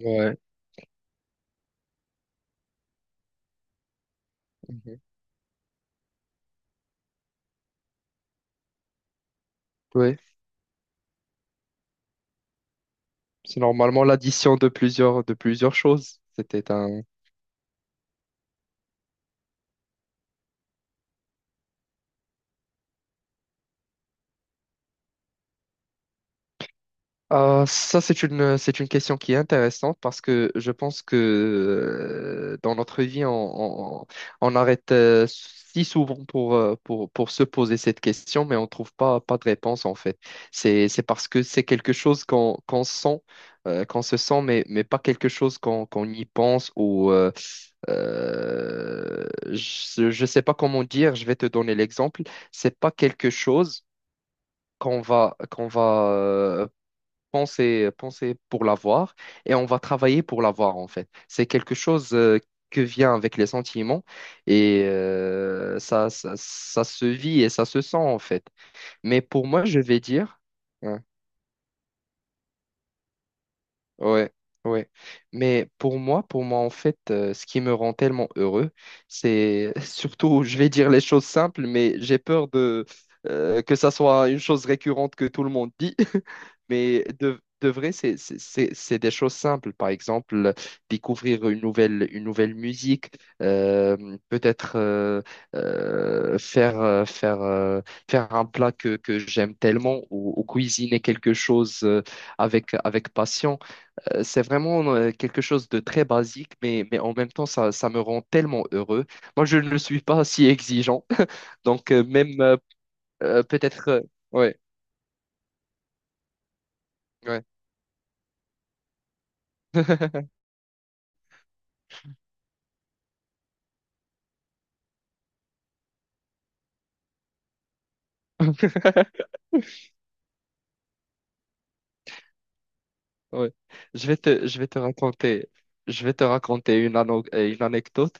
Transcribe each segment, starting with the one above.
Ouais, mhm. Ouais. C'est normalement l'addition de plusieurs choses. C'était un. Ah, ça, c'est une question qui est intéressante parce que je pense que dans notre vie, on arrête si souvent pour se poser cette question, mais on ne trouve pas de réponse en fait. C'est parce que c'est quelque chose qu'on sent, qu'on se sent, mais pas quelque chose qu'on y pense ou Euh, je ne sais pas comment dire, je vais te donner l'exemple. C'est pas quelque chose qu'on va penser pour l'avoir et on va travailler pour l'avoir en fait. C'est quelque chose que vient avec les sentiments et ça se vit et ça se sent en fait. Mais pour moi, je vais dire. Hein. Ouais, ouais. Mais pour moi, en fait, ce qui me rend tellement heureux, c'est surtout, je vais dire les choses simples, mais j'ai peur de que ça soit une chose récurrente que tout le monde dit. Mais de vrai, c'est des choses simples. Par exemple, découvrir une nouvelle musique, euh, peut-être euh, faire, euh, faire, euh, faire un plat que j'aime tellement ou cuisiner quelque chose avec passion. C'est vraiment quelque chose de très basique, mais en même temps, ça me rend tellement heureux. Moi, je ne suis pas si exigeant. Donc, même peut-être. Ouais, ouais. Ouais. Je vais te raconter, je vais te raconter une anecdote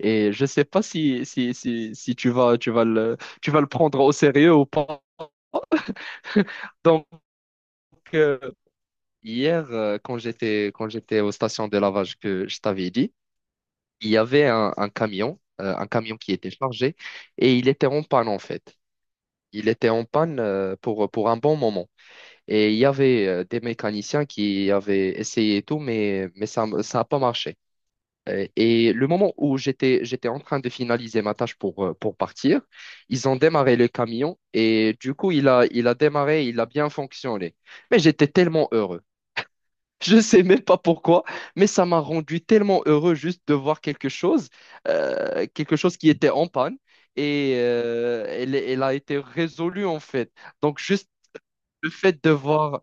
et je sais pas si tu vas le prendre au sérieux ou pas. Donc, euh, hier, quand j'étais aux stations de lavage que je t'avais dit, il y avait un camion qui était chargé, et il était en panne en fait. Il était en panne pour un bon moment. Et il y avait des mécaniciens qui avaient essayé et tout, mais ça n'a pas marché. Et le moment où j'étais en train de finaliser ma tâche pour partir, ils ont démarré le camion et du coup, il a démarré, il a bien fonctionné. Mais j'étais tellement heureux. Je sais même pas pourquoi, mais ça m'a rendu tellement heureux juste de voir quelque chose qui était en panne et elle a été résolue en fait. Donc juste le fait de voir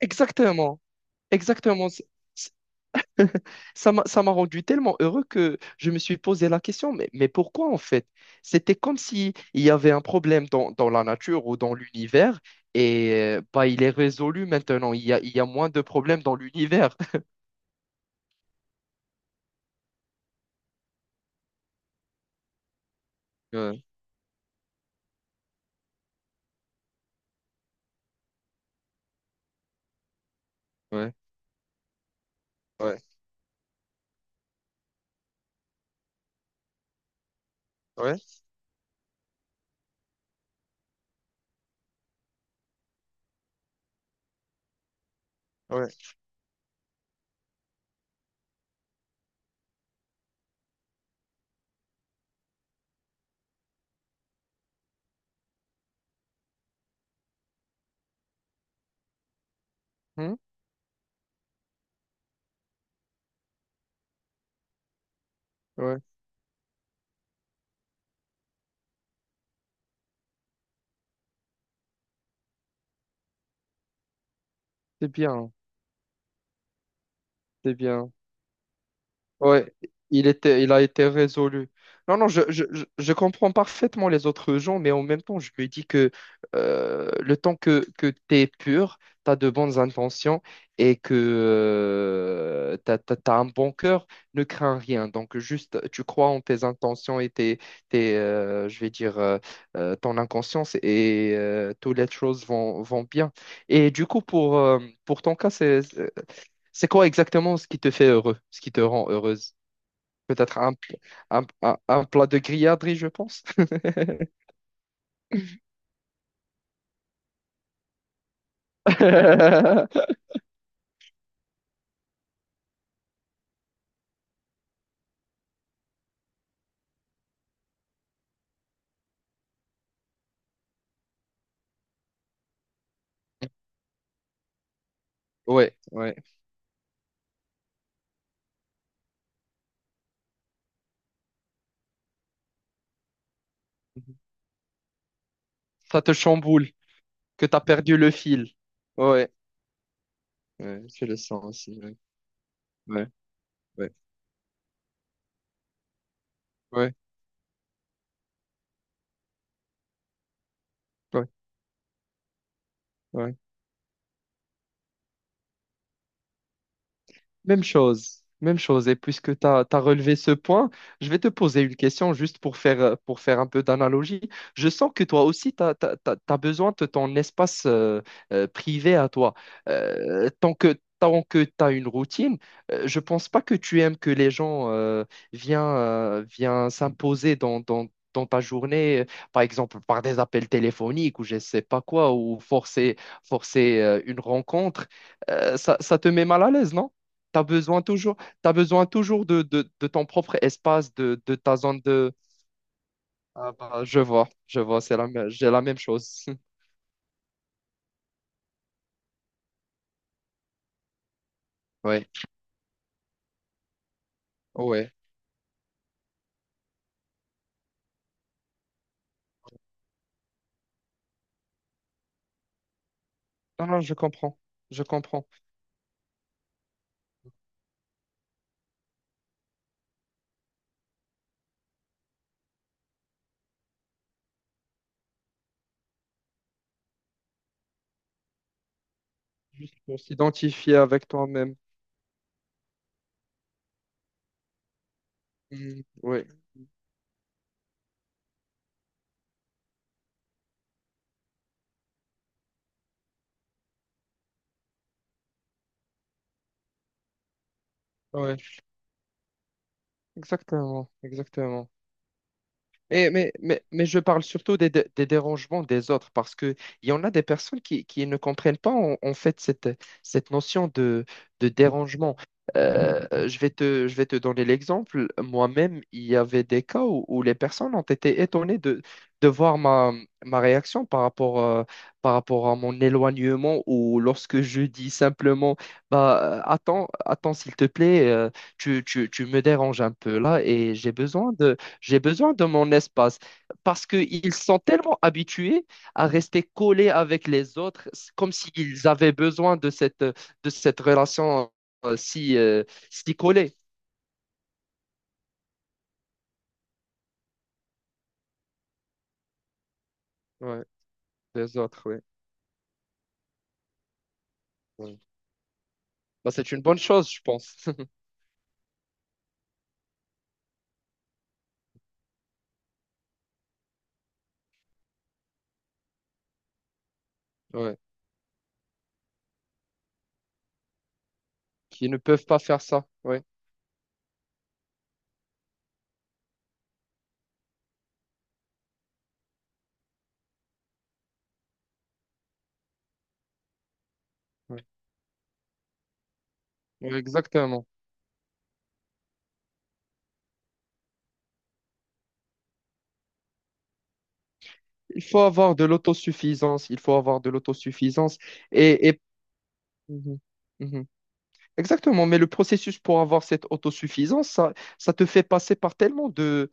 exactement, exactement, c- ça m'a rendu tellement heureux que je me suis posé la question, mais pourquoi en fait? C'était comme si il y avait un problème dans la nature ou dans l'univers et bah, il est résolu maintenant. Il y a moins de problèmes dans l'univers. Ouais, ouais, ouais. Ouais, ouais, hmm, ouais. C'est bien, c'est bien. Ouais, il a été résolu. Non, non, je comprends parfaitement les autres gens, mais en même temps, je me dis que le temps que tu es pur, tu as de bonnes intentions et que tu as un bon cœur, ne crains rien. Donc, juste, tu crois en tes intentions et je vais dire, ton inconscience et toutes les choses vont bien. Et du coup, pour ton cas, c'est quoi exactement ce qui te fait heureux, ce qui te rend heureuse? Peut-être un plat de grilladerie, je pense. Ouais, ouais. Ça te chamboule, que t'as perdu le fil. Ouais, ouais, je le sens aussi. Ouais, ouais, ouais, ouais, ouais, ouais. Même chose, même chose. Et puisque tu as relevé ce point, je vais te poser une question juste pour faire un peu d'analogie. Je sens que toi aussi, tu as besoin de ton espace privé à toi. Tant que tu as une routine, je pense pas que tu aimes que les gens viennent s'imposer dans ta journée, par exemple par des appels téléphoniques ou je sais pas quoi, ou forcer, une rencontre. Ça te met mal à l'aise, non? Tu as besoin toujours, t'as besoin toujours de ton propre espace, de ta zone de. Ah bah, je vois, j'ai la même chose. Ouais, ouais. Non, non, je comprends, je comprends. On s'identifie avec toi-même. Mm, ouais, ouais, exactement, exactement. Mais je parle surtout des dérangements des autres parce qu'il y en a des personnes qui ne comprennent pas en fait cette notion de dérangement. Je vais te donner l'exemple. Moi-même, il y avait des cas où les personnes ont été étonnées de voir ma réaction par rapport à mon éloignement, ou lorsque je dis simplement bah, attends, attends, s'il te plaît, tu me déranges un peu là et j'ai besoin de mon espace, parce qu'ils sont tellement habitués à rester collés avec les autres. C'est comme s'ils avaient besoin de cette relation euh, si, euh, si collée, ouais, des autres. Ouais, ouais. Bah, c'est une bonne chose, je pense, ouais. Qui ne peuvent pas faire ça. Ouais, ouais. Ouais, exactement. Il faut avoir de l'autosuffisance. Il faut avoir de l'autosuffisance. Et. Mhm. Mhm. Exactement, mais le processus pour avoir cette autosuffisance, ça te fait passer par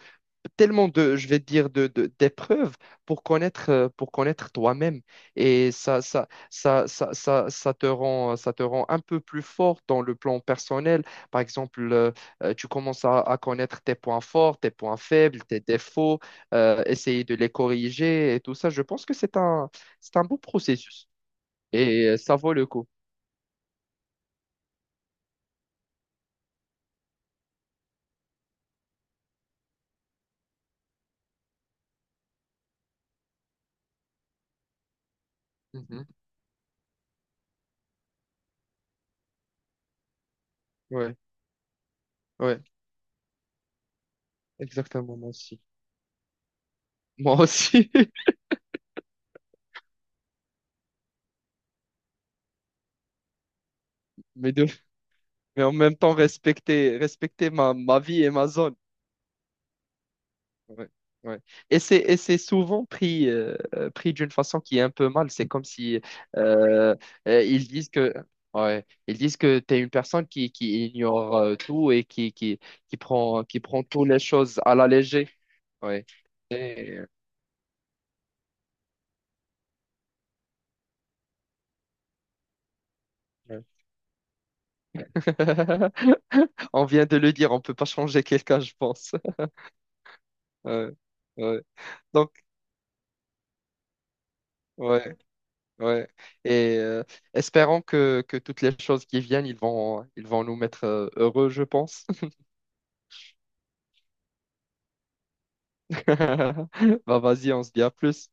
tellement de, je vais dire, d'épreuves pour connaître toi-même. Et ça te rend, un peu plus fort dans le plan personnel. Par exemple, tu commences à connaître tes points forts, tes points faibles, tes défauts, essayer de les corriger et tout ça. Je pense que c'est un beau processus et ça vaut le coup. Mhm. Ouais, ouais. Exactement, moi aussi. Moi aussi. Mais, de- mais en même temps, respecter, respecter ma vie et ma zone. Ouais, ouais. Et c'est souvent pris d'une façon qui est un peu mal. C'est comme si euh, euh, ils disent que, ouais, ils disent que tu es une personne qui ignore tout et qui prend toutes les choses à la légère. Ouais. Et, euh, ouais. On vient de le dire, on peut pas changer quelqu'un, je pense. Ouais, ouais. Donc, ouais. Ouais. Et espérons que toutes les choses qui viennent, ils vont nous mettre heureux, je pense. Bah, vas-y, on se dit à plus.